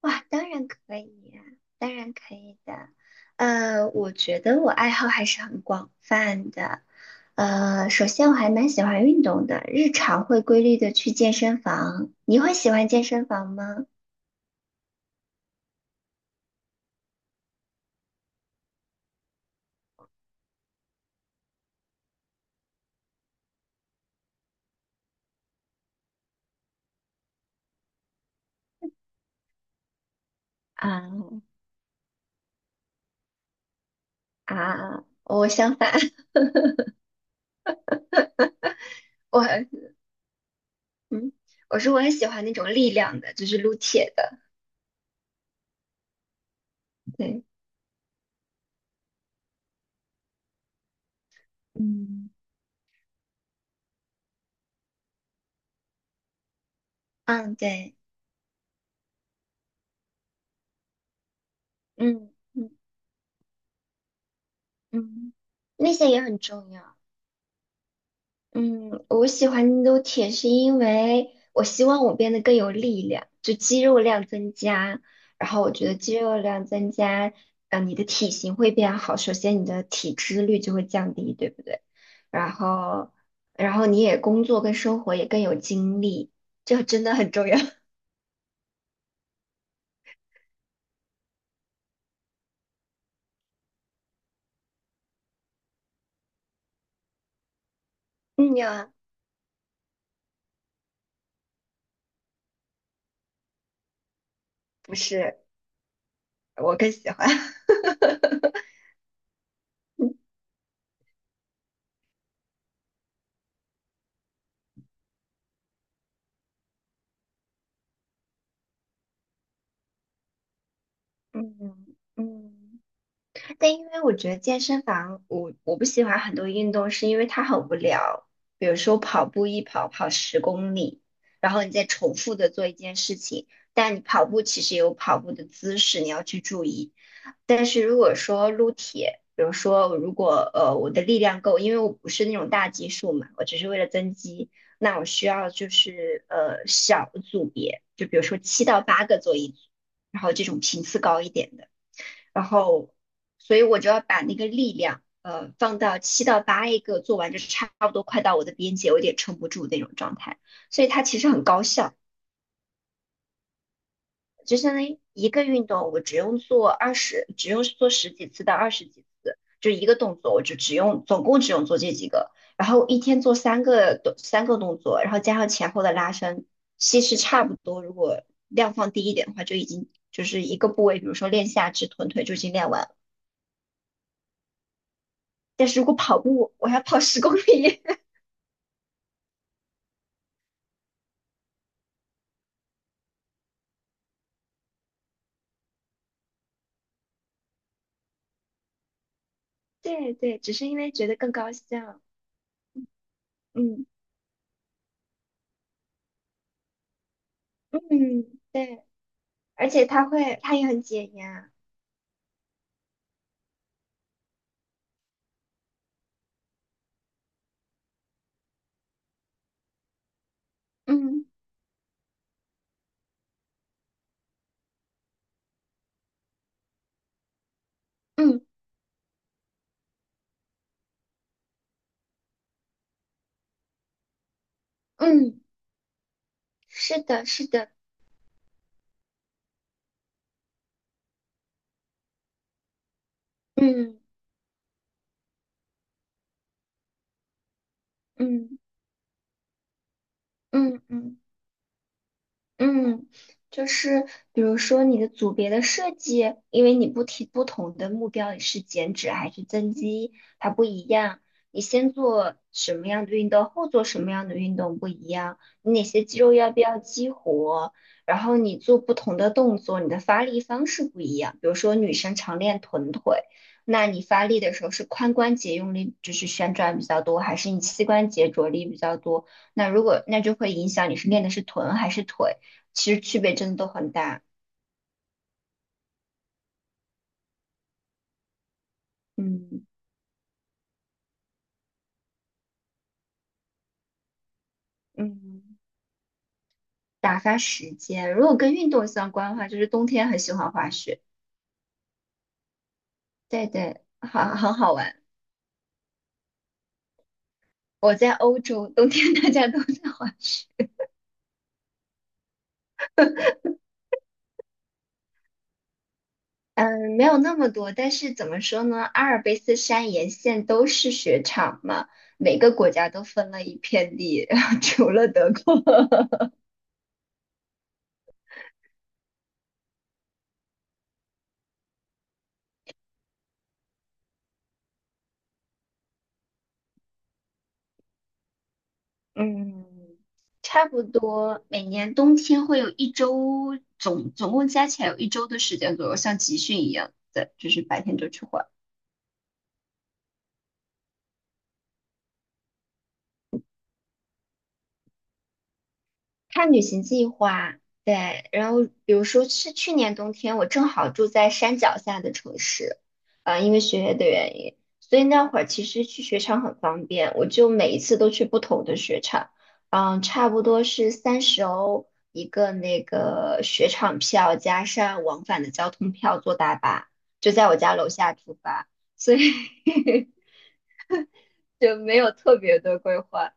哇，当然可以呀，当然可以的。我觉得我爱好还是很广泛的。首先我还蛮喜欢运动的，日常会规律的去健身房。你会喜欢健身房吗？啊，啊，我相反，我嗯，我是我很喜欢那种力量的，就是撸铁的。对，嗯嗯，对，嗯嗯嗯，那些也很重要。嗯，我喜欢撸铁是因为我希望我变得更有力量，就肌肉量增加。然后我觉得肌肉量增加，你的体型会变好，首先你的体脂率就会降低，对不对？然后，然后你也工作跟生活也更有精力，这真的很重要。嗯呀，不是，我更喜欢。嗯嗯。但因为我觉得健身房，我不喜欢很多运动，是因为它很无聊。比如说跑步，一跑跑十公里，然后你再重复的做一件事情，但你跑步其实有跑步的姿势，你要去注意。但是如果说撸铁，比如说如果我的力量够，因为我不是那种大基数嘛，我只是为了增肌，那我需要就是小组别，就比如说7到8个做一组，然后这种频次高一点的。然后，所以我就要把那个力量，放到七到八一个做完就差不多快到我的边界，我有点撑不住那种状态。所以它其实很高效，就相当于一个运动，我只用做二十，只用做十几次到二十几次，就一个动作，我就只用总共只用做这几个，然后一天做三个动作，然后加上前后的拉伸，其实差不多。如果量放低一点的话，就已经就是一个部位，比如说练下肢、臀腿就已经练完。但是如果跑步，我要跑十公里。对对，只是因为觉得更高效。嗯嗯，对，而且它也很解压。嗯嗯嗯，是的，是的。嗯嗯嗯嗯。嗯，就是比如说你的组别的设计，因为你不同的目标，你是减脂还是增肌，它不一样。你先做什么样的运动，后做什么样的运动不一样。你哪些肌肉要不要激活？然后你做不同的动作，你的发力方式不一样。比如说女生常练臀腿，那你发力的时候是髋关节用力，就是旋转比较多，还是你膝关节着力比较多？那如果那就会影响你是练的是臀还是腿。其实区别真的都很大。嗯，嗯，打发时间，如果跟运动相关的话，就是冬天很喜欢滑雪，对对，很好玩。我在欧洲，冬天大家都在滑雪。嗯，没有那么多，但是怎么说呢？阿尔卑斯山沿线都是雪场嘛，每个国家都分了一片地，除了德国。嗯，差不多每年冬天会有一周，总共加起来有一周的时间左右，像集训一样的，就是白天就去。换。看旅行计划，对，然后比如说是去年冬天，我正好住在山脚下的城市，因为学业的原因，所以那会儿其实去雪场很方便，我就每一次都去不同的雪场，嗯，差不多是30欧一个那个雪场票，加上往返的交通票，坐大巴，就在我家楼下出发，所以 就没有特别的规划，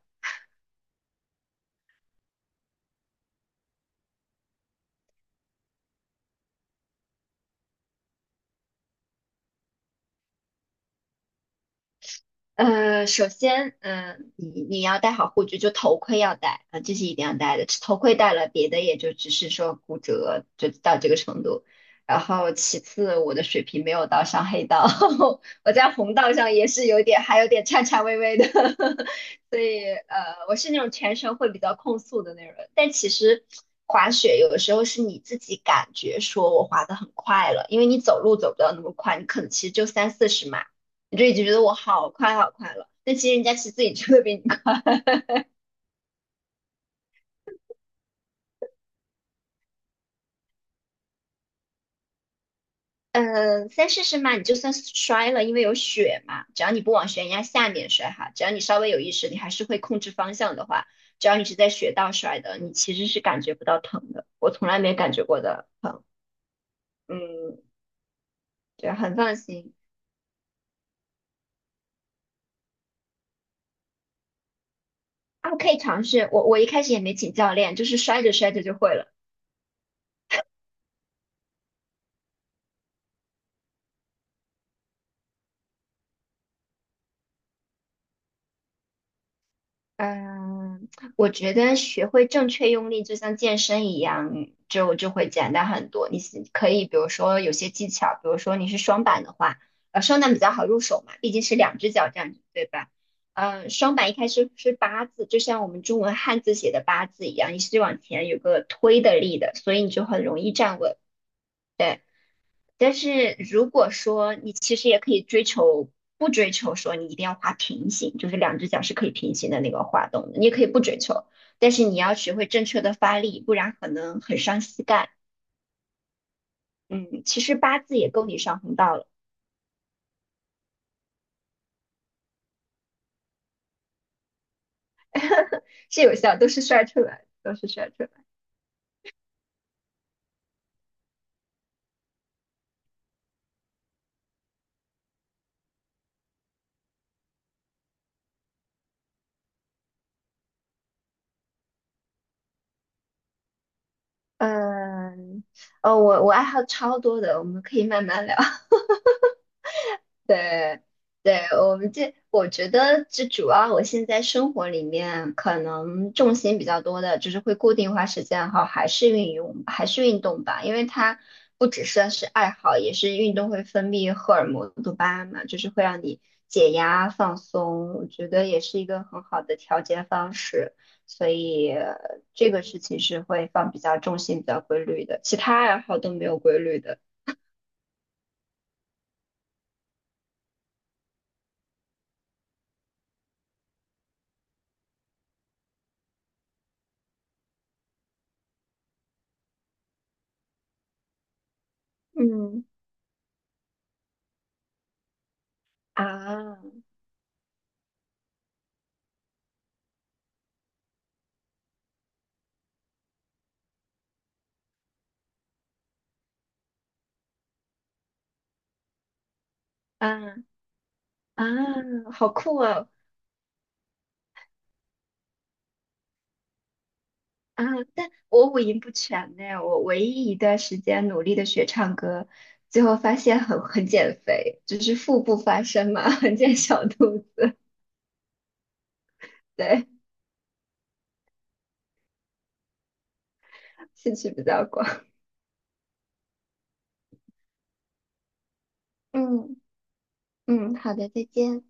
首先，你要戴好护具，就头盔要戴啊、这是一定要戴的。头盔戴了，别的也就只是说骨折，就到这个程度。然后其次，我的水平没有到上黑道，我在红道上也是有点，还有点颤颤巍巍的，所以我是那种全程会比较控速的那种人。但其实滑雪有的时候是你自己感觉说我滑得很快了，因为你走路走不到那么快，你可能其实就30到40码。你就已经觉得我好快好快了。但其实人家骑自行车会比你快。嗯，试试嘛，你就算摔了，因为有雪嘛，只要你不往悬崖下面摔哈，只要你稍微有意识，你还是会控制方向的话，只要你是在雪道摔的，你其实是感觉不到疼的。我从来没感觉过的疼，嗯，对，很放心。啊，可以尝试。我一开始也没请教练，就是摔着摔着就会了。嗯，我觉得学会正确用力，就像健身一样，就会简单很多。你是可以，比如说有些技巧，比如说你是双板的话，双板比较好入手嘛，毕竟是两只脚站着，对吧？双板一开始是八字，就像我们中文汉字写的八字一样，你是往前有个推的力的，所以你就很容易站稳。对。但是如果说你其实也可以追求，不追求说你一定要滑平行，就是两只脚是可以平行的那个滑动的，你也可以不追求，但是你要学会正确的发力，不然可能很伤膝盖。嗯，其实八字也够你上红道了，是有效都是帅出来的都是帅出来的。嗯，哦，我爱好超多的，我们可以慢慢聊。对，对，我觉得这主要我现在生活里面可能重心比较多的，就是会固定花时间哈，还是运动吧，因为它不只算是爱好，也是运动会分泌荷尔蒙多巴胺嘛，就是会让你解压放松，我觉得也是一个很好的调节方式，所以这个事情是会放比较重心比较规律的，其他爱好都没有规律的。嗯啊，啊。啊，好酷哦！啊，但我五音不全呢。我唯一一段时间努力的学唱歌，最后发现很减肥，就是腹部发声嘛，很减小肚子。对，兴趣比较广。嗯嗯，好的，再见。